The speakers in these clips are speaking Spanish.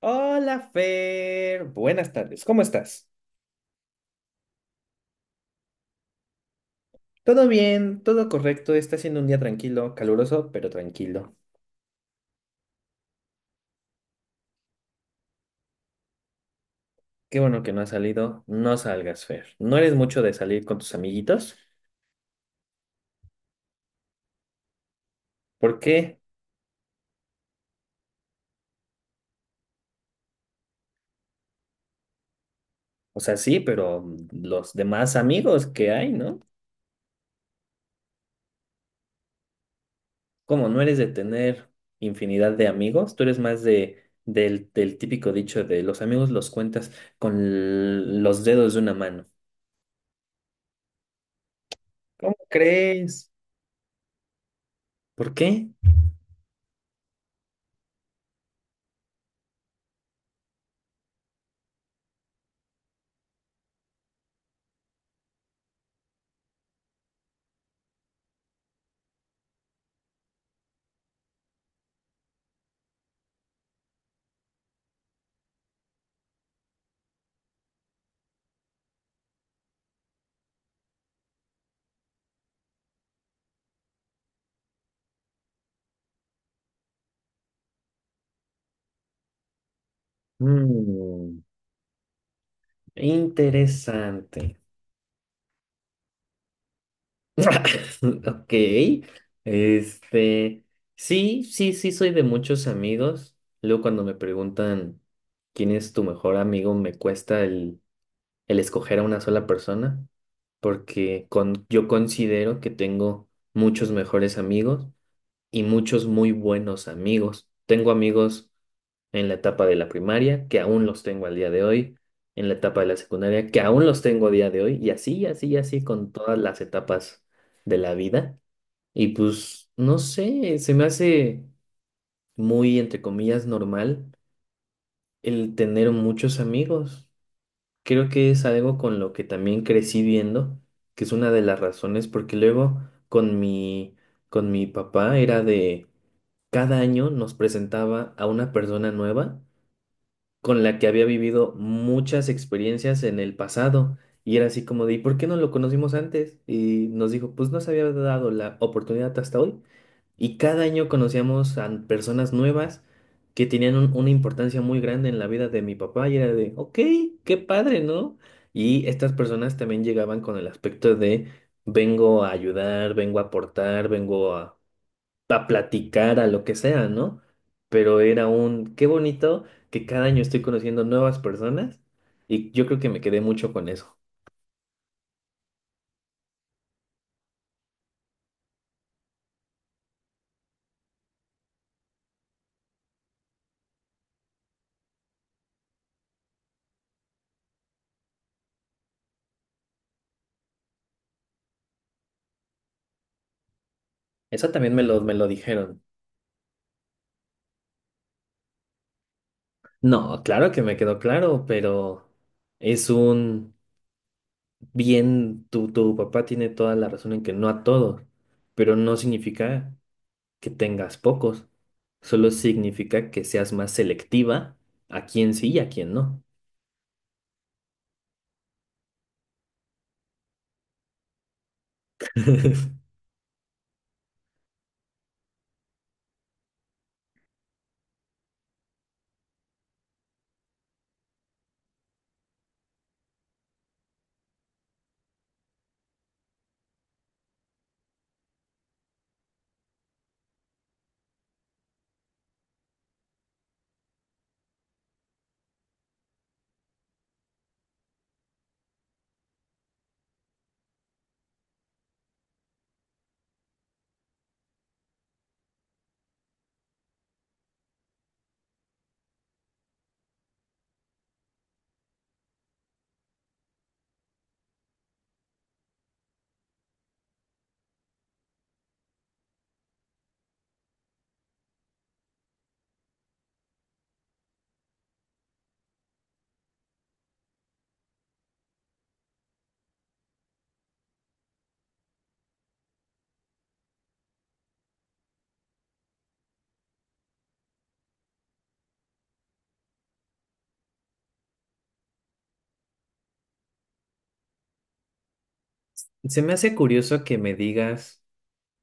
Hola, Fer. Buenas tardes. ¿Cómo estás? Todo bien, todo correcto. Está siendo un día tranquilo, caluroso, pero tranquilo. Qué bueno que no has salido. No salgas, Fer. ¿No eres mucho de salir con tus amiguitos? ¿Por qué? O sea, sí, pero los demás amigos que hay, ¿no? ¿Cómo no eres de tener infinidad de amigos? Tú eres más del típico dicho de los amigos los cuentas con los dedos de una mano. ¿Cómo crees? ¿Por qué? Mm. Interesante. Ok. Este, sí, sí, sí, soy de muchos amigos. Luego cuando me preguntan quién es tu mejor amigo, me cuesta el escoger a una sola persona, porque yo considero que tengo muchos mejores amigos, y muchos muy buenos amigos. Tengo amigos en la etapa de la primaria, que aún los tengo al día de hoy, en la etapa de la secundaria, que aún los tengo a día de hoy, y así, y así, y así con todas las etapas de la vida. Y pues, no sé, se me hace muy, entre comillas, normal el tener muchos amigos. Creo que es algo con lo que también crecí viendo, que es una de las razones, porque luego con mi, con mi papá era de cada año nos presentaba a una persona nueva con la que había vivido muchas experiencias en el pasado. Y era así como de, ¿y por qué no lo conocimos antes? Y nos dijo, pues no se había dado la oportunidad hasta hoy. Y cada año conocíamos a personas nuevas que tenían una importancia muy grande en la vida de mi papá. Y era de, ok, qué padre, ¿no? Y estas personas también llegaban con el aspecto de, vengo a ayudar, vengo a aportar, vengo a platicar, a lo que sea, ¿no? Pero era un, qué bonito que cada año estoy conociendo nuevas personas, y yo creo que me quedé mucho con eso. Eso también me lo dijeron. No, claro que me quedó claro, pero es un bien, tu papá tiene toda la razón en que no a todos, pero no significa que tengas pocos, solo significa que seas más selectiva a quién sí y a quién no. Se me hace curioso que me digas...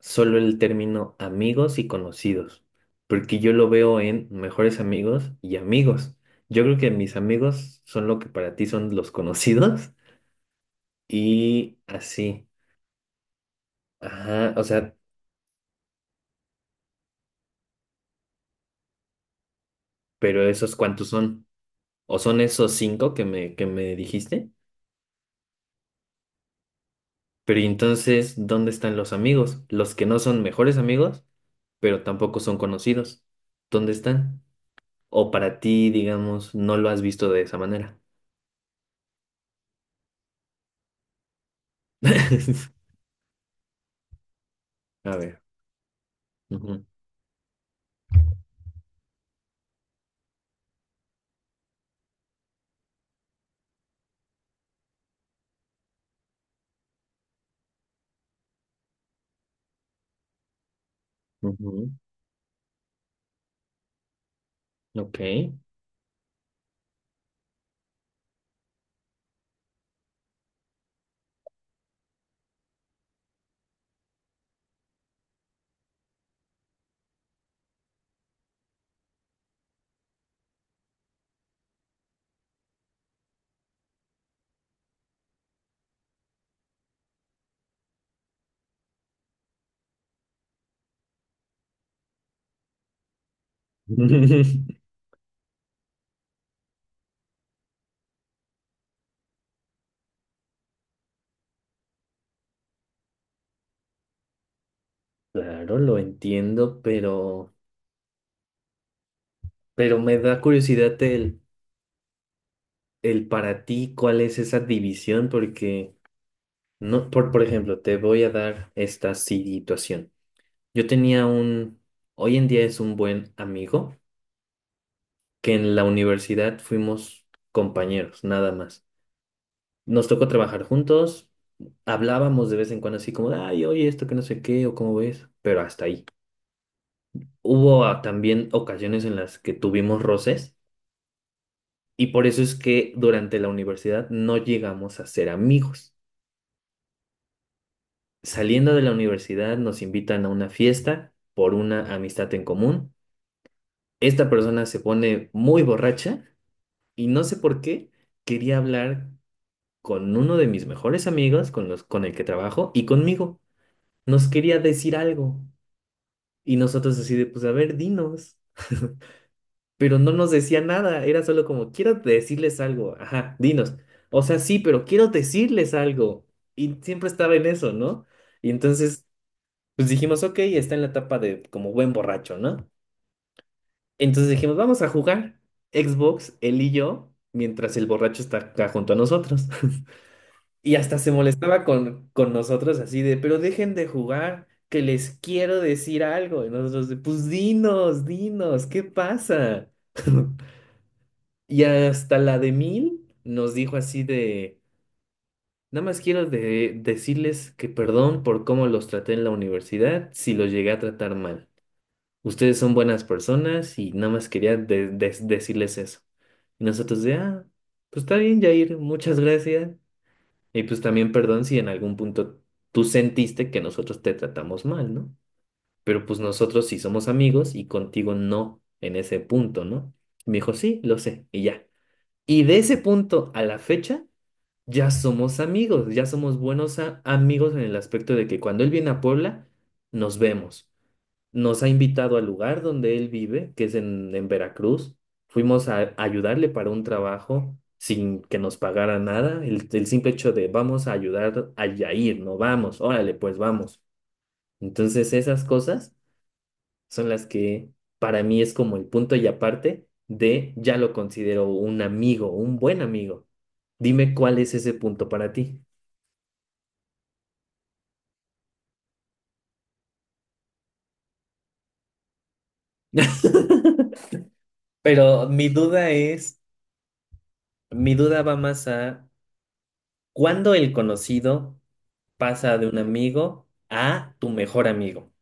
solo el término amigos y conocidos, porque yo lo veo en mejores amigos y amigos. Yo creo que mis amigos son lo que para ti son los conocidos y así. Ajá, o sea, pero esos ¿cuántos son? ¿O son esos cinco que me dijiste? Pero ¿y entonces, ¿dónde están los amigos? Los que no son mejores amigos, pero tampoco son conocidos. ¿Dónde están? O para ti, digamos, no lo has visto de esa manera. A ver. Ujú. Ok. Claro, lo entiendo, pero me da curiosidad el para ti, ¿cuál es esa división? Porque no, por ejemplo, te voy a dar esta situación. Yo tenía un, hoy en día es un buen amigo, que en la universidad fuimos compañeros, nada más. Nos tocó trabajar juntos, hablábamos de vez en cuando así como, ay, oye, esto que no sé qué, o cómo ves, pero hasta ahí. Hubo también ocasiones en las que tuvimos roces y por eso es que durante la universidad no llegamos a ser amigos. Saliendo de la universidad nos invitan a una fiesta por una amistad en común. Esta persona se pone muy borracha y no sé por qué quería hablar con uno de mis mejores amigos, con los con el que trabajo y conmigo. Nos quería decir algo y nosotros así de, pues a ver, dinos. Pero no nos decía nada, era solo como, quiero decirles algo, ajá, dinos. O sea, sí, pero quiero decirles algo. Y siempre estaba en eso, ¿no? Y entonces, pues dijimos, ok, está en la etapa de como buen borracho, ¿no? Entonces dijimos, vamos a jugar Xbox, él y yo, mientras el borracho está acá junto a nosotros. Y hasta se molestaba con nosotros así de, pero dejen de jugar, que les quiero decir algo. Y nosotros de, pues dinos, dinos, ¿qué pasa? Y hasta la de Mil nos dijo así de, nada más quiero decirles que perdón por cómo los traté en la universidad si los llegué a tratar mal. Ustedes son buenas personas y nada más quería decirles eso. Y nosotros de, ah, pues está bien, Jair, muchas gracias. Y pues también perdón si en algún punto tú sentiste que nosotros te tratamos mal, ¿no? Pero pues nosotros sí somos amigos y contigo no en ese punto, ¿no? Y me dijo, sí, lo sé, y ya. Y de ese punto a la fecha, ya somos amigos, ya somos buenos amigos en el aspecto de que cuando él viene a Puebla, nos vemos. Nos ha invitado al lugar donde él vive, que es en Veracruz. Fuimos a ayudarle para un trabajo sin que nos pagara nada. El simple hecho de vamos a ayudar a Yair, no vamos, órale, pues vamos. Entonces esas cosas son las que para mí es como el punto y aparte de ya lo considero un amigo, un buen amigo. Dime cuál es ese punto para ti. Pero mi duda es, mi duda va más a cuándo el conocido pasa de un amigo a tu mejor amigo.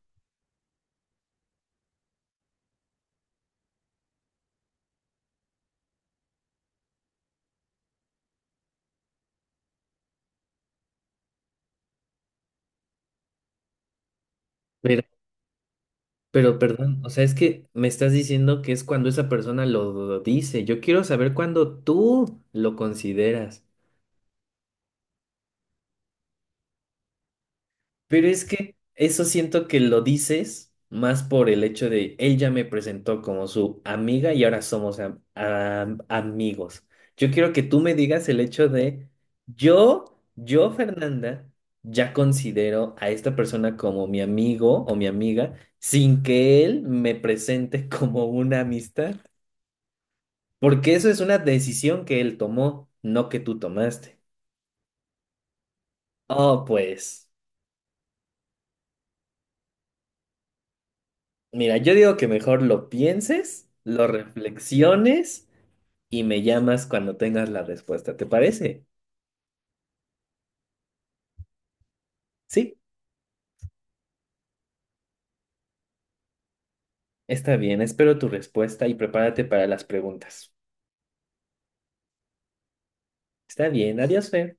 Pero, pero perdón, o sea, es que me estás diciendo que es cuando esa persona lo dice. Yo quiero saber cuándo tú lo consideras. Pero es que eso siento que lo dices más por el hecho de él ya me presentó como su amiga y ahora somos amigos. Yo quiero que tú me digas el hecho de Fernanda, ya considero a esta persona como mi amigo o mi amiga sin que él me presente como una amistad, porque eso es una decisión que él tomó, no que tú tomaste. Oh, pues. Mira, yo digo que mejor lo pienses, lo reflexiones y me llamas cuando tengas la respuesta. ¿Te parece? Sí, está bien. Espero tu respuesta y prepárate para las preguntas. Está bien. Adiós, Fer.